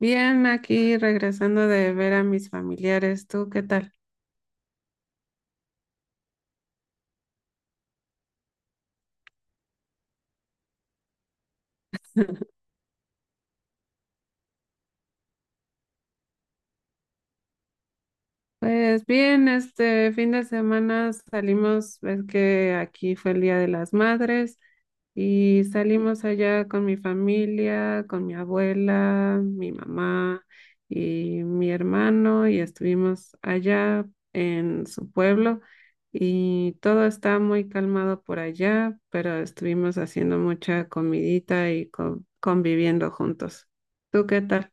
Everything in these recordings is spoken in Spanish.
Bien, aquí regresando de ver a mis familiares. ¿Tú qué tal? Pues bien, este fin de semana salimos, ves que aquí fue el Día de las Madres. Y salimos allá con mi familia, con mi abuela, mi mamá y mi hermano y estuvimos allá en su pueblo y todo está muy calmado por allá, pero estuvimos haciendo mucha comidita y conviviendo juntos. ¿Tú qué tal?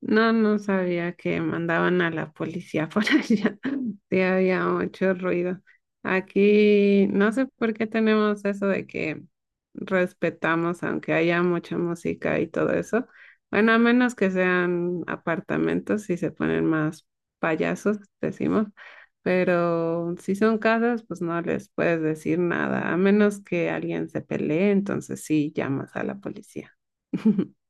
No, no sabía que mandaban a la policía por allá. Sí, había mucho ruido. Aquí no sé por qué tenemos eso de que respetamos, aunque haya mucha música y todo eso. Bueno, a menos que sean apartamentos y se ponen más payasos, decimos. Pero si son casas, pues no les puedes decir nada, a menos que alguien se pelee, entonces sí llamas a la policía.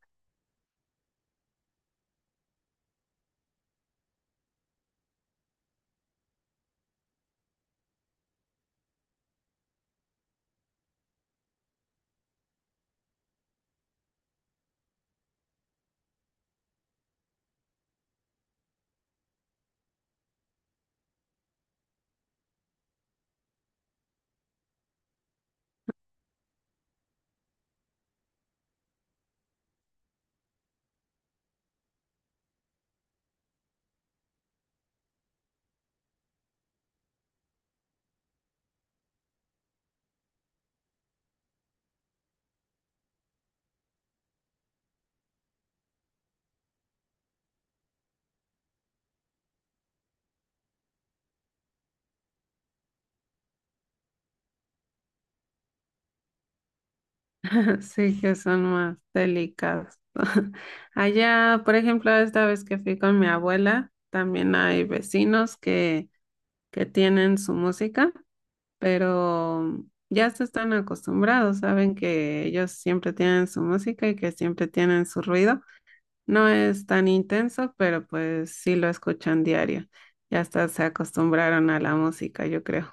Sí, que son más delicados. Allá, por ejemplo, esta vez que fui con mi abuela, también hay vecinos que, tienen su música, pero ya se están acostumbrados, saben que ellos siempre tienen su música y que siempre tienen su ruido. No es tan intenso, pero pues sí lo escuchan diario. Ya hasta se acostumbraron a la música, yo creo.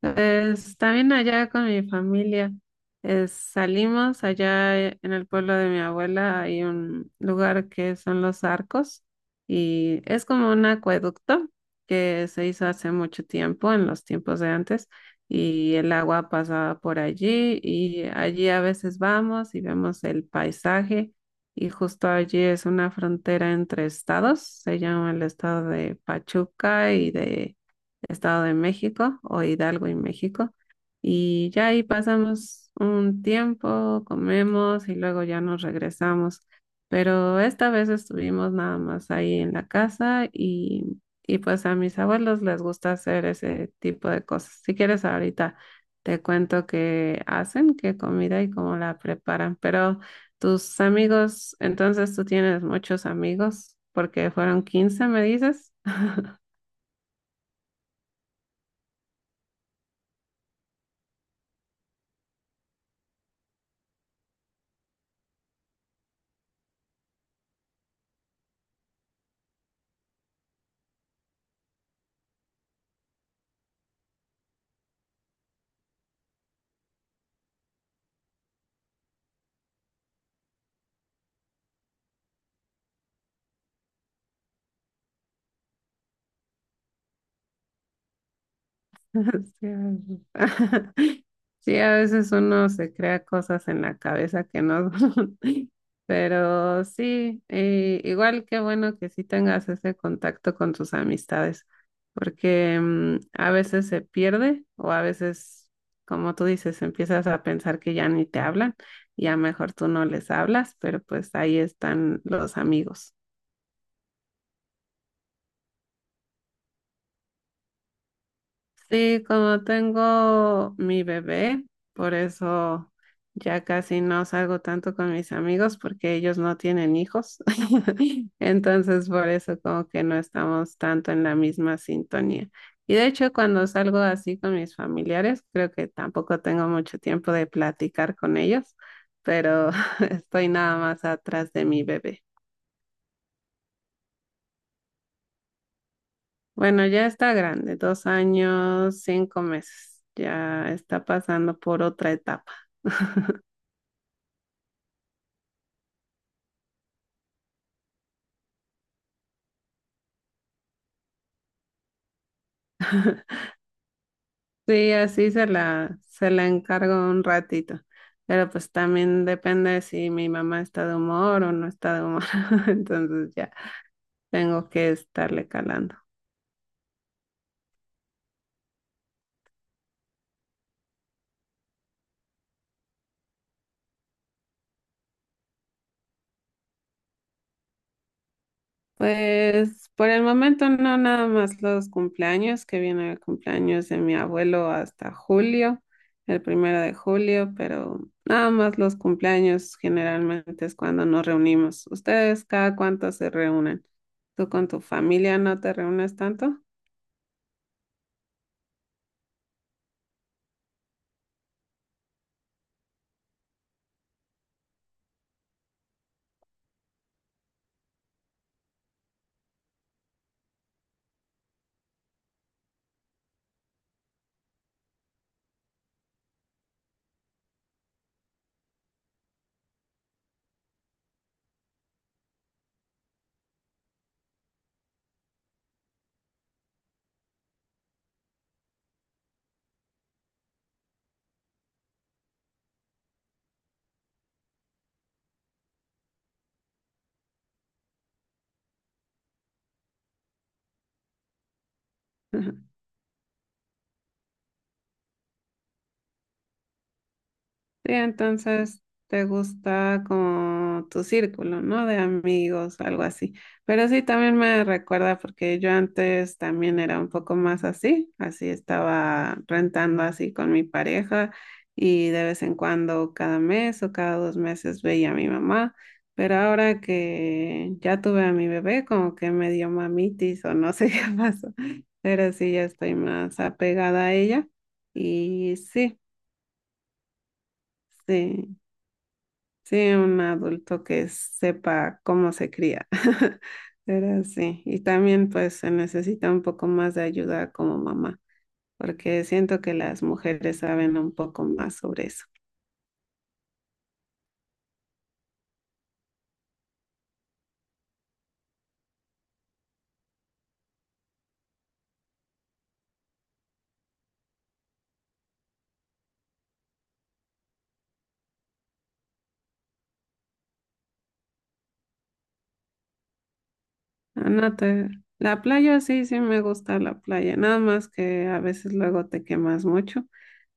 Pues, también allá con mi familia. Salimos allá en el pueblo de mi abuela, hay un lugar que son los arcos y es como un acueducto que se hizo hace mucho tiempo, en los tiempos de antes, y el agua pasaba por allí y allí a veces vamos y vemos el paisaje y justo allí es una frontera entre estados, se llama el estado de Pachuca y de... Estado de México o Hidalgo y México. Y ya ahí pasamos un tiempo, comemos y luego ya nos regresamos. Pero esta vez estuvimos nada más ahí en la casa y pues a mis abuelos les gusta hacer ese tipo de cosas. Si quieres ahorita te cuento qué hacen, qué comida y cómo la preparan. Pero tus amigos, entonces tú tienes muchos amigos porque fueron 15 me dices. Sí, sí, a veces uno se crea cosas en la cabeza que no son, pero sí, igual qué bueno que sí tengas ese contacto con tus amistades, porque a veces se pierde o a veces, como tú dices, empiezas a pensar que ya ni te hablan, ya mejor tú no les hablas, pero pues ahí están los amigos. Sí, como tengo mi bebé, por eso ya casi no salgo tanto con mis amigos porque ellos no tienen hijos. Entonces, por eso como que no estamos tanto en la misma sintonía. Y de hecho, cuando salgo así con mis familiares, creo que tampoco tengo mucho tiempo de platicar con ellos, pero estoy nada más atrás de mi bebé. Bueno, ya está grande, 2 años, 5 meses. Ya está pasando por otra etapa. Sí, así se la encargo un ratito. Pero pues también depende si mi mamá está de humor o no está de humor. Entonces ya tengo que estarle calando. Pues por el momento no, nada más los cumpleaños, que viene el cumpleaños de mi abuelo hasta julio, el 1 de julio, pero nada más los cumpleaños generalmente es cuando nos reunimos. ¿Ustedes cada cuánto se reúnen? ¿Tú con tu familia no te reúnes tanto? Sí, entonces te gusta como tu círculo, ¿no? De amigos, algo así. Pero sí, también me recuerda porque yo antes también era un poco más así, así estaba rentando así con mi pareja y de vez en cuando, cada mes o cada 2 meses veía a mi mamá. Pero ahora que ya tuve a mi bebé, como que me dio mamitis o no sé qué pasó. Pero sí, ya estoy más apegada a ella y sí. Sí, sí, un adulto que sepa cómo se cría. Pero sí, y también pues se necesita un poco más de ayuda como mamá, porque siento que las mujeres saben un poco más sobre eso. Ah, no te... La playa sí, sí me gusta la playa, nada más que a veces luego te quemas mucho.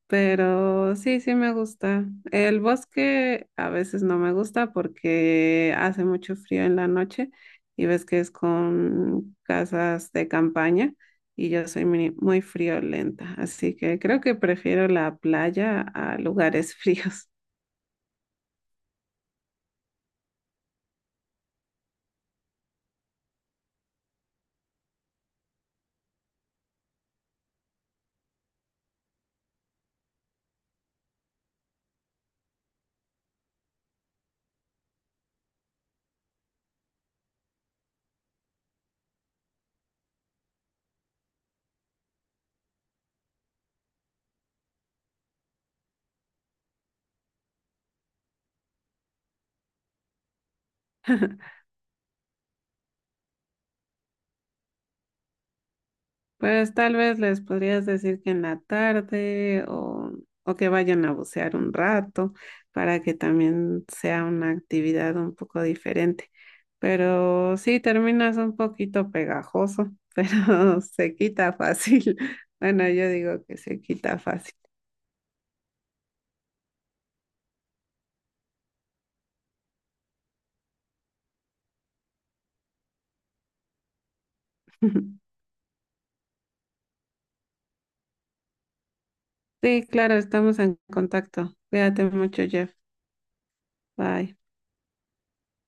Pero sí, sí me gusta. El bosque a veces no me gusta porque hace mucho frío en la noche y ves que es con casas de campaña y yo soy muy, muy friolenta, así que creo que prefiero la playa a lugares fríos. Pues tal vez les podrías decir que en la tarde o, que vayan a bucear un rato para que también sea una actividad un poco diferente. Pero sí, terminas un poquito pegajoso, pero se quita fácil. Bueno, yo digo que se quita fácil. Sí, claro, estamos en contacto. Cuídate mucho, Jeff. Bye.